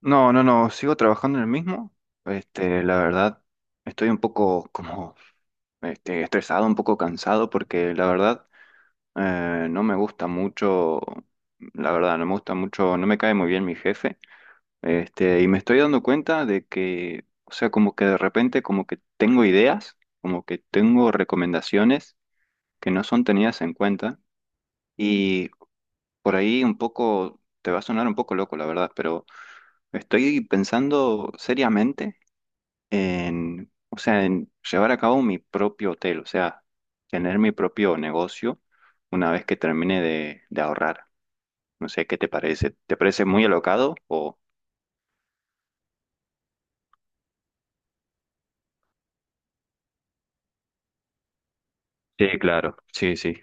No, no, no, sigo trabajando en el mismo. La verdad, estoy un poco como estresado, un poco cansado, porque la verdad, no me gusta mucho, la verdad, no me gusta mucho, no me cae muy bien mi jefe. Y me estoy dando cuenta de que, o sea, como que de repente como que tengo ideas, como que tengo recomendaciones que no son tenidas en cuenta. Y por ahí un poco, te va a sonar un poco loco, la verdad, pero estoy pensando seriamente en, o sea, en llevar a cabo mi propio hotel, o sea, tener mi propio negocio una vez que termine de ahorrar. No sé, ¿qué te parece? ¿Te parece muy alocado o…? Sí, claro, sí, sí,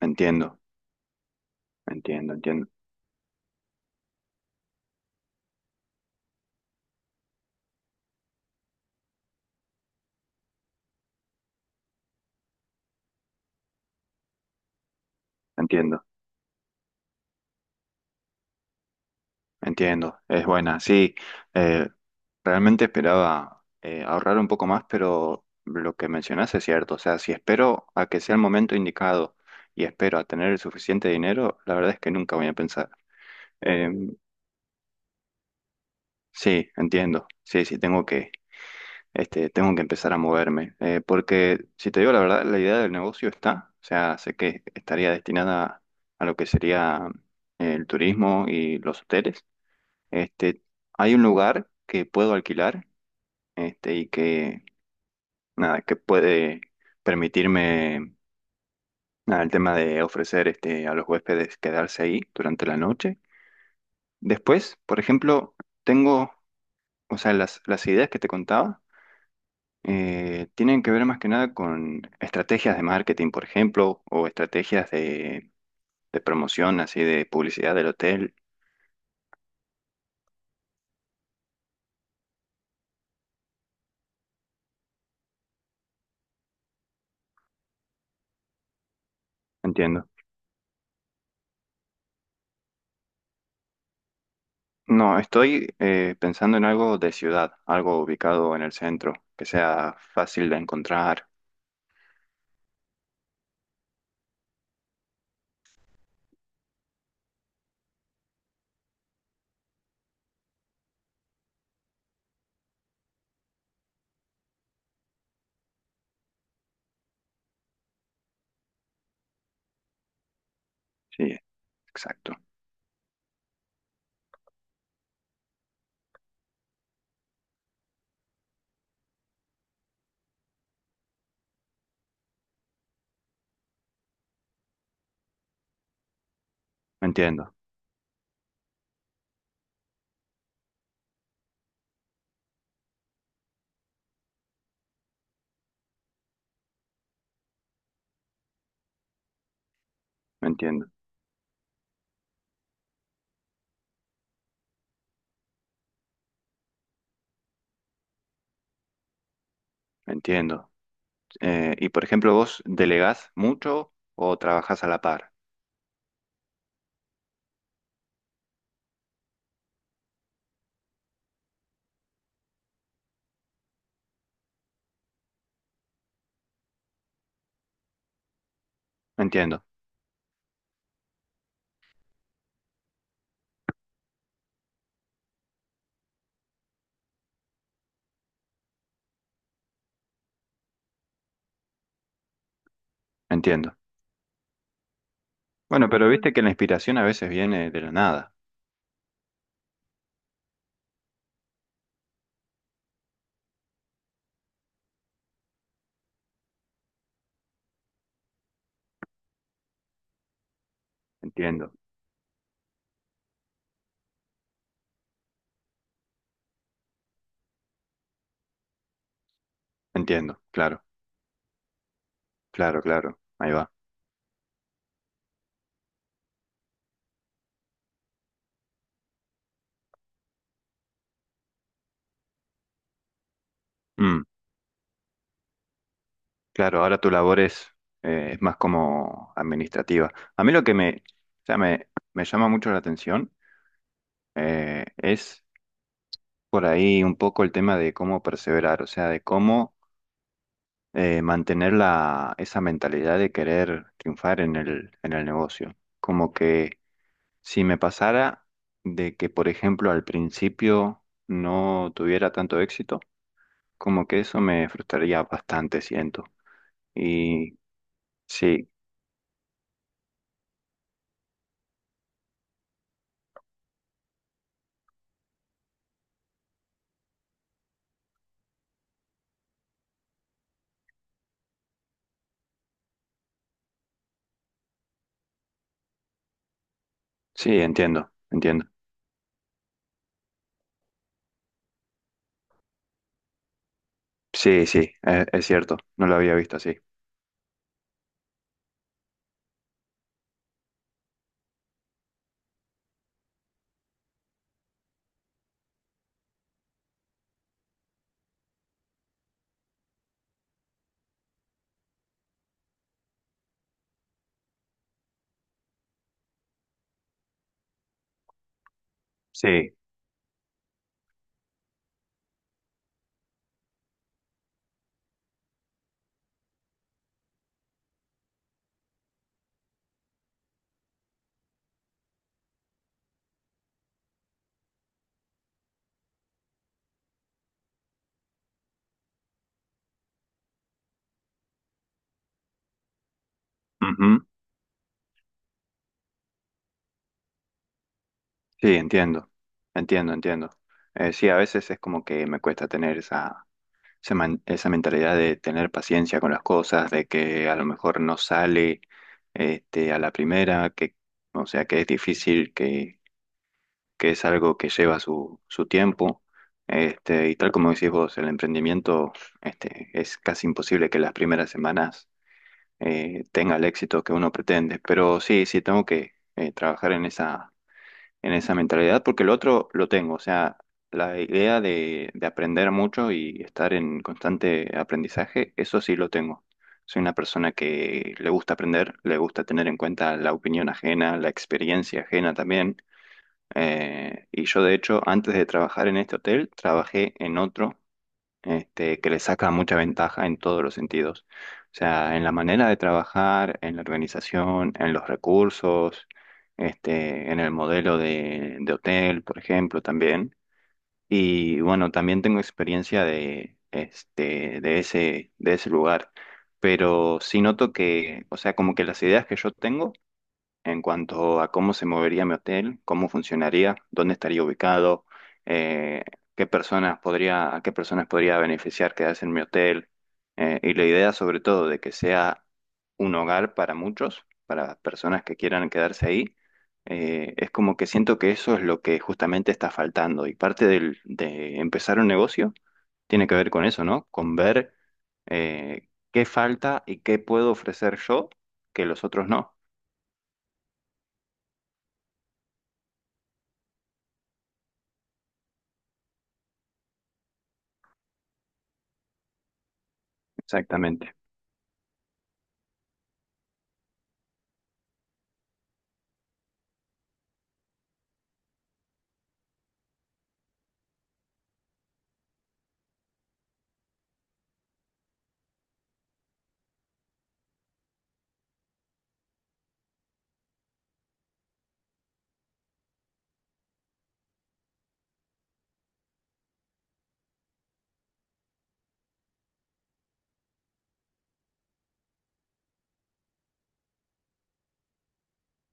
entiendo, entiendo, entiendo, entiendo, entiendo. Es buena, sí. eh, realmente esperaba ahorrar un poco más, pero lo que mencionas es cierto. O sea, si espero a que sea el momento indicado y espero a tener el suficiente dinero, la verdad es que nunca voy a pensar. Em, Sí, entiendo. Sí, sí, tengo que empezar a moverme. Porque, si te digo la verdad, la idea del negocio está. O sea, sé que estaría destinada a lo que sería el turismo y los hoteles. Este, Hay un lugar que puedo alquilar, y que, nada, que puede permitirme, nada, el tema de ofrecer, a los huéspedes quedarse ahí durante la noche. Después, por ejemplo, tengo, o sea, las ideas que te contaba. Tienen que ver más que nada con estrategias de marketing, por ejemplo, o estrategias de promoción, así de publicidad del hotel. Entiendo. No, estoy pensando en algo de ciudad, algo ubicado en el centro, que sea fácil de encontrar. Sí, exacto. Me entiendo, me entiendo, me entiendo. Y por ejemplo, ¿vos delegás mucho o trabajás a la par? Entiendo, entiendo. Bueno, pero viste que la inspiración a veces viene de la nada. Entiendo, entiendo, claro. Claro, claro, ahí va. Mm, claro, ahora tu labor es más como administrativa. A mí lo que me, o sea, me llama mucho la atención, es por ahí un poco el tema de cómo perseverar, o sea, de cómo, mantener esa mentalidad de querer triunfar en el negocio. Como que si me pasara de que, por ejemplo, al principio no tuviera tanto éxito, como que eso me frustraría bastante, siento. Y sí, sí, entiendo, entiendo. Sí, sí, es cierto, no lo había visto así. Sí, ujú, sí, entiendo, entiendo, entiendo. Sí, a veces es como que me cuesta tener esa mentalidad de tener paciencia con las cosas, de que a lo mejor no sale a la primera, o sea, que es difícil, que es algo que lleva su tiempo. Y tal como decís vos, el emprendimiento, es casi imposible que las primeras semanas, tenga el éxito que uno pretende. Pero sí, sí, tengo que, trabajar en esa mentalidad porque el otro lo tengo. O sea, la idea de aprender mucho y estar en constante aprendizaje, eso sí lo tengo. Soy una persona que le gusta aprender, le gusta tener en cuenta la opinión ajena, la experiencia ajena también. Y yo, de hecho, antes de trabajar en este hotel, trabajé en otro, que le saca mucha ventaja en todos los sentidos. O sea, en la manera de trabajar, en la organización, en los recursos, en el modelo de hotel, por ejemplo, también. Y bueno, también tengo experiencia de ese lugar. Pero sí noto que, o sea, como que las ideas que yo tengo en cuanto a cómo se movería mi hotel, cómo funcionaría, dónde estaría ubicado, eh, qué personas podría, a qué personas podría beneficiar quedarse en mi hotel, y la idea sobre todo de que sea un hogar para muchos, para personas que quieran quedarse ahí, es como que siento que eso es lo que justamente está faltando y parte de empezar un negocio tiene que ver con eso, ¿no? Con ver, qué falta y qué puedo ofrecer yo que los otros no. Exactamente.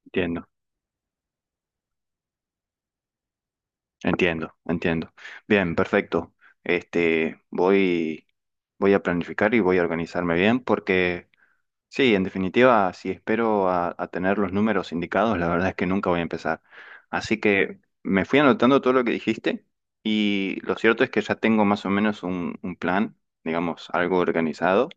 Entiendo, entiendo, entiendo. Bien, perfecto. Este, voy, voy a planificar y voy a organizarme bien porque, sí, en definitiva, si espero a tener los números indicados, la verdad es que nunca voy a empezar. Así que me fui anotando todo lo que dijiste y lo cierto es que ya tengo más o menos un plan, digamos, algo organizado.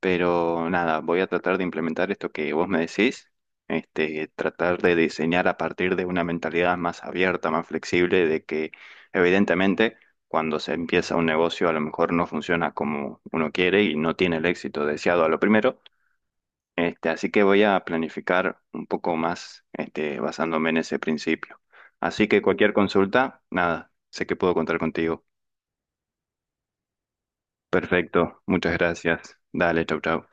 Pero nada, voy a tratar de implementar esto que vos me decís, tratar de diseñar a partir de una mentalidad más abierta, más flexible, de que evidentemente cuando se empieza un negocio a lo mejor no funciona como uno quiere y no tiene el éxito deseado a lo primero. Así que voy a planificar un poco más, basándome en ese principio. Así que cualquier consulta, nada, sé que puedo contar contigo. Perfecto, muchas gracias. Dale, chau, chau.